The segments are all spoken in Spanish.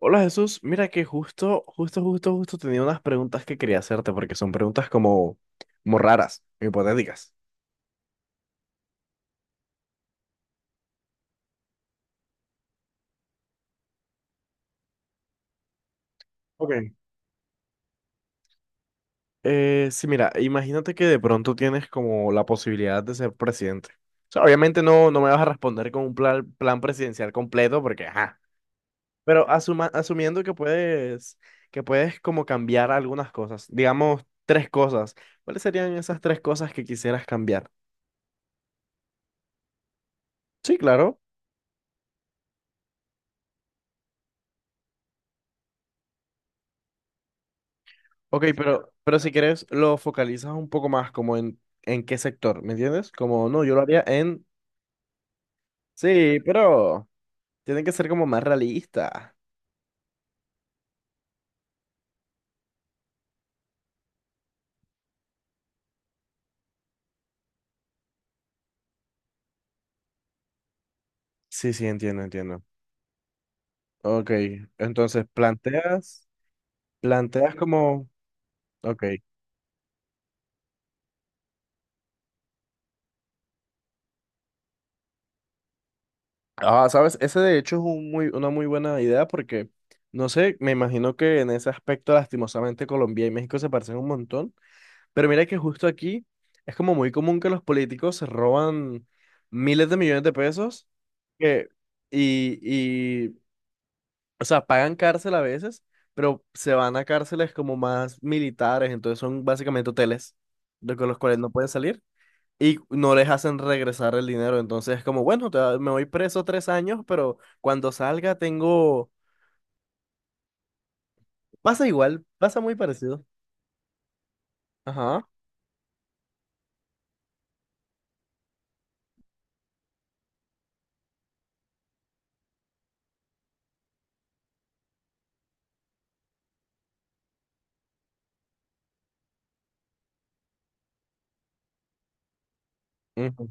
Hola Jesús, mira que justo tenía unas preguntas que quería hacerte porque son preguntas como raras, hipotéticas. Ok. Sí, mira, imagínate que de pronto tienes como la posibilidad de ser presidente. O sea, obviamente no me vas a responder con un plan presidencial completo porque, ajá, pero asumiendo que puedes, como cambiar algunas cosas, digamos tres cosas, ¿cuáles serían esas tres cosas que quisieras cambiar? Sí, claro. Ok, pero si quieres lo focalizas un poco más como en qué sector, ¿me entiendes? Como no, yo lo haría en. Sí, pero tienen que ser como más realista. Sí, sí, entiendo, entiendo. Ok, entonces planteas como. Ok. Ah, sabes, ese de hecho es una muy buena idea porque, no sé, me imagino que en ese aspecto lastimosamente Colombia y México se parecen un montón. Pero mira que justo aquí es como muy común que los políticos se roban miles de millones de pesos que, y, y, o sea, pagan cárcel a veces, pero se van a cárceles como más militares, entonces son básicamente hoteles de con los cuales no pueden salir y no les hacen regresar el dinero. Entonces es como, bueno, me voy preso 3 años, pero cuando salga tengo. Pasa igual, pasa muy parecido. Ajá. Ujú.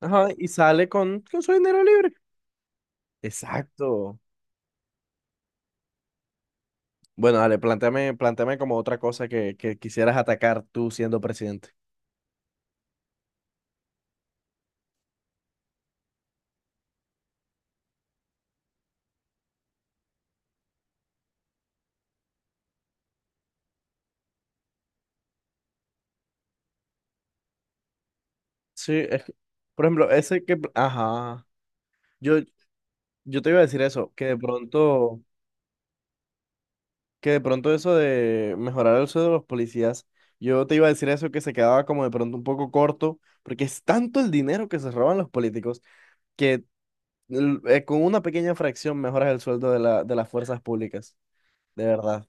Ajá, y sale con su dinero libre. Exacto. Bueno, dale, planteame como otra cosa que quisieras atacar tú siendo presidente. Sí, es que, por ejemplo, ese que, ajá, yo, yo te iba a decir eso, que de pronto eso de mejorar el sueldo de los policías, yo te iba a decir eso que se quedaba como de pronto un poco corto, porque es tanto el dinero que se roban los políticos que con una pequeña fracción mejoras el sueldo de las fuerzas públicas, de verdad.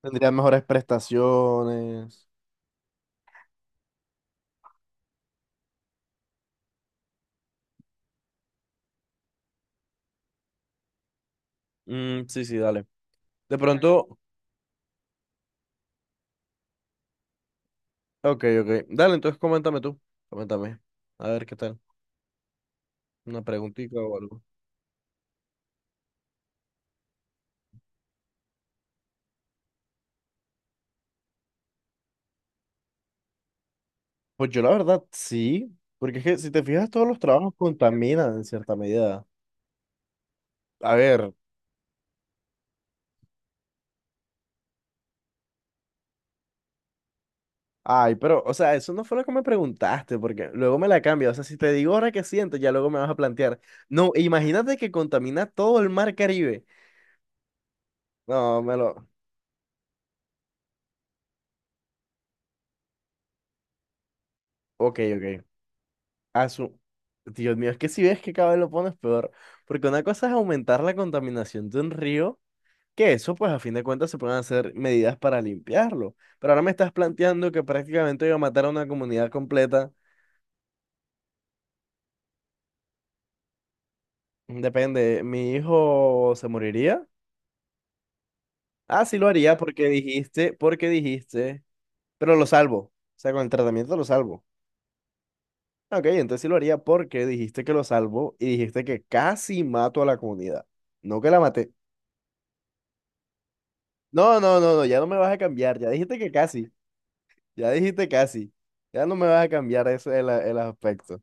Tendrían mejores prestaciones. Mm, sí, sí, dale. De pronto. Ok, ok. Dale, entonces coméntame tú. Coméntame. A ver qué tal. Una preguntita o algo. Pues yo la verdad sí, porque es que si te fijas todos los trabajos contaminan en cierta medida. A ver, ay, pero, o sea, eso no fue lo que me preguntaste, porque luego me la cambia. O sea, si te digo ahora qué siento, ya luego me vas a plantear. No, imagínate que contamina todo el mar Caribe. No, me lo. Ok, ok. A su. Dios mío, es que si ves que cada vez lo pones peor, porque una cosa es aumentar la contaminación de un río. Que eso, pues a fin de cuentas, se pueden hacer medidas para limpiarlo. Pero ahora me estás planteando que prácticamente iba a matar a una comunidad completa. Depende, ¿mi hijo se moriría? Ah, sí lo haría porque dijiste, pero lo salvo. O sea, con el tratamiento lo salvo. Ok, entonces sí lo haría porque dijiste que lo salvo y dijiste que casi mato a la comunidad. No que la maté. No, no, no, no, ya no me vas a cambiar. Ya dijiste que casi. Ya dijiste casi. Ya no me vas a cambiar eso, el aspecto.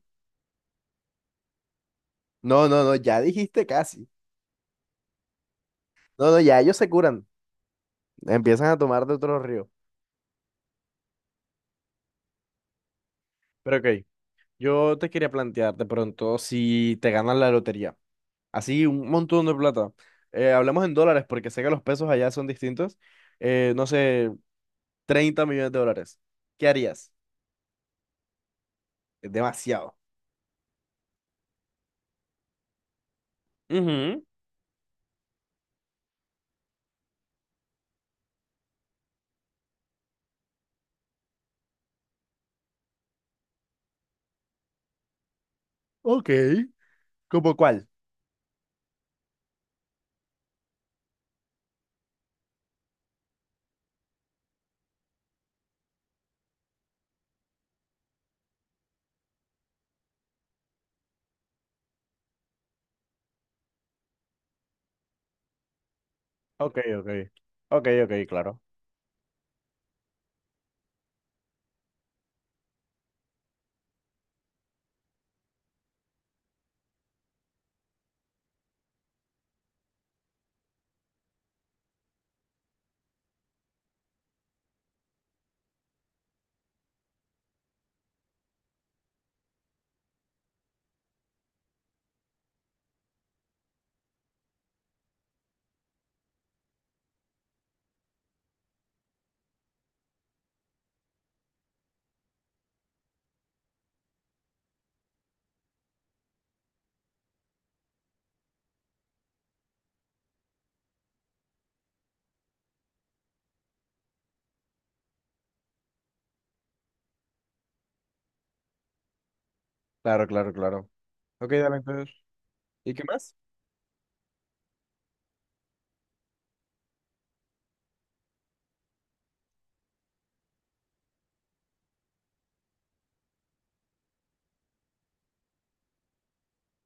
No, no, no, ya dijiste casi. No, no, ya ellos se curan. Empiezan a tomar de otro río. Pero ok, yo te quería plantear de pronto si te ganas la lotería. Así, un montón de plata. Hablemos en dólares porque sé que los pesos allá son distintos. No sé, $30 millones. ¿Qué harías? Es demasiado. Ujú. Ok. ¿Cómo cuál? Ok, ok. Ok, ok, claro. Claro, claro, claro. Ok, dale entonces. ¿Y qué más?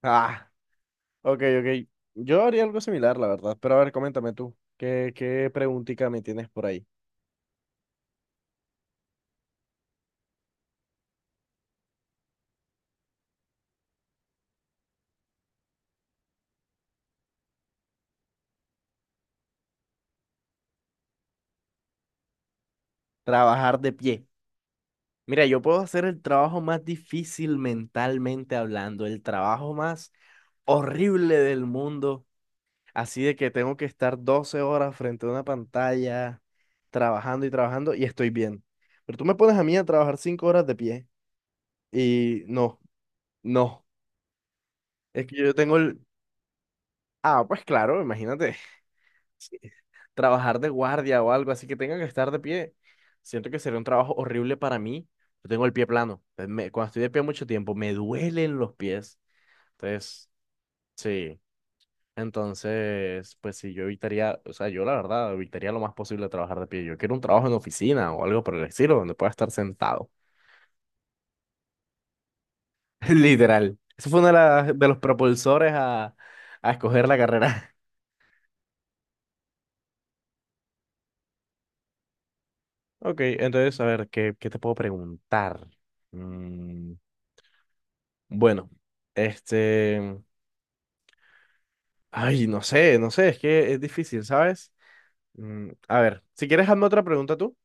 Ah. Ok, ok. Yo haría algo similar, la verdad. Pero a ver, coméntame tú. ¿Qué preguntica me tienes por ahí? Trabajar de pie. Mira, yo puedo hacer el trabajo más difícil mentalmente hablando, el trabajo más horrible del mundo. Así de que tengo que estar 12 horas frente a una pantalla, trabajando y trabajando, y estoy bien. Pero tú me pones a mí a trabajar 5 horas de pie, y no, no. Es que yo tengo el. Ah, pues claro, imagínate. Sí. Trabajar de guardia o algo así que tenga que estar de pie. Siento que sería un trabajo horrible para mí. Yo tengo el pie plano. Entonces, cuando estoy de pie mucho tiempo, me duelen los pies. Entonces, sí. Entonces, pues sí, yo evitaría, o sea, yo la verdad evitaría lo más posible trabajar de pie. Yo quiero un trabajo en oficina o algo por el estilo, donde pueda estar sentado. Literal. Eso fue uno de, de los propulsores a escoger la carrera. Ok, entonces, a ver, ¿qué te puedo preguntar? Bueno, este, ay, no sé, no sé, es que es difícil, ¿sabes? Mm, a ver, si quieres, hazme otra pregunta tú,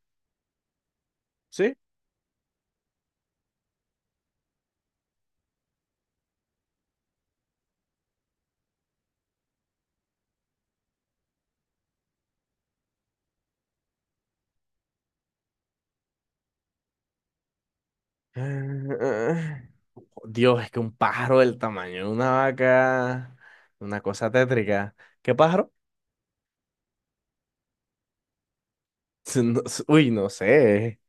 ¿sí? Eh, Dios, es que un pájaro del tamaño de una vaca, una cosa tétrica. ¿Qué pájaro? Uy, no sé.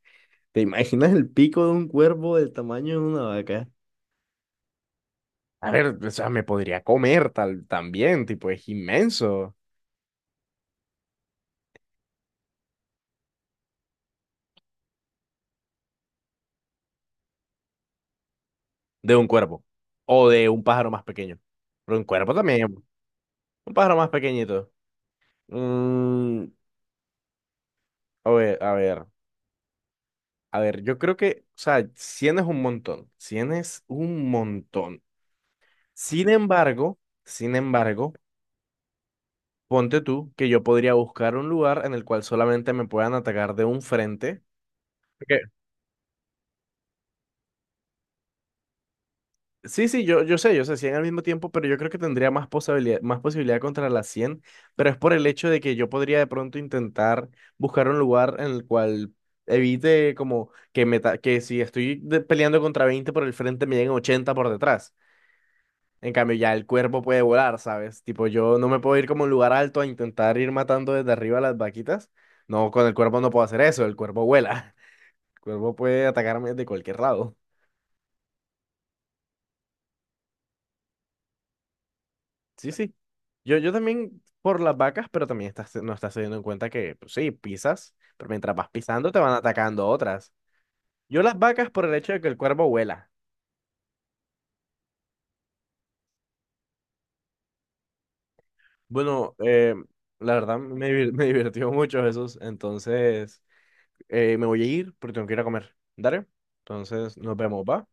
¿Te imaginas el pico de un cuervo del tamaño de una vaca? A ver, o sea, me podría comer tal, también, tipo, es inmenso de un cuervo o de un pájaro más pequeño. Pero un cuervo también. Un pájaro más pequeñito. Mm, a ver, a ver, a ver, yo creo que, o sea, 100 es un montón, 100 es un montón. Sin embargo, sin embargo, ponte tú que yo podría buscar un lugar en el cual solamente me puedan atacar de un frente. Sí, sí, yo sé 100 al mismo tiempo, pero yo creo que tendría más posibilidad contra las 100. Pero es por el hecho de que yo podría de pronto intentar buscar un lugar en el cual evite como que, que si estoy peleando contra 20 por el frente me lleguen 80 por detrás. En cambio, ya el cuerpo puede volar, ¿sabes? Tipo, yo no me puedo ir como a un lugar alto a intentar ir matando desde arriba a las vaquitas. No, con el cuerpo no puedo hacer eso, el cuerpo vuela. El cuerpo puede atacarme de cualquier lado. Sí, sí. Yo también por las vacas, pero también estás, no estás teniendo en cuenta que, pues sí, pisas, pero mientras vas pisando te van atacando otras. Yo las vacas por el hecho de que el cuervo vuela. Bueno, la verdad me divirtió mucho Jesús. Entonces, me voy a ir porque tengo que ir a comer. Dale. Entonces, nos vemos, ¿va?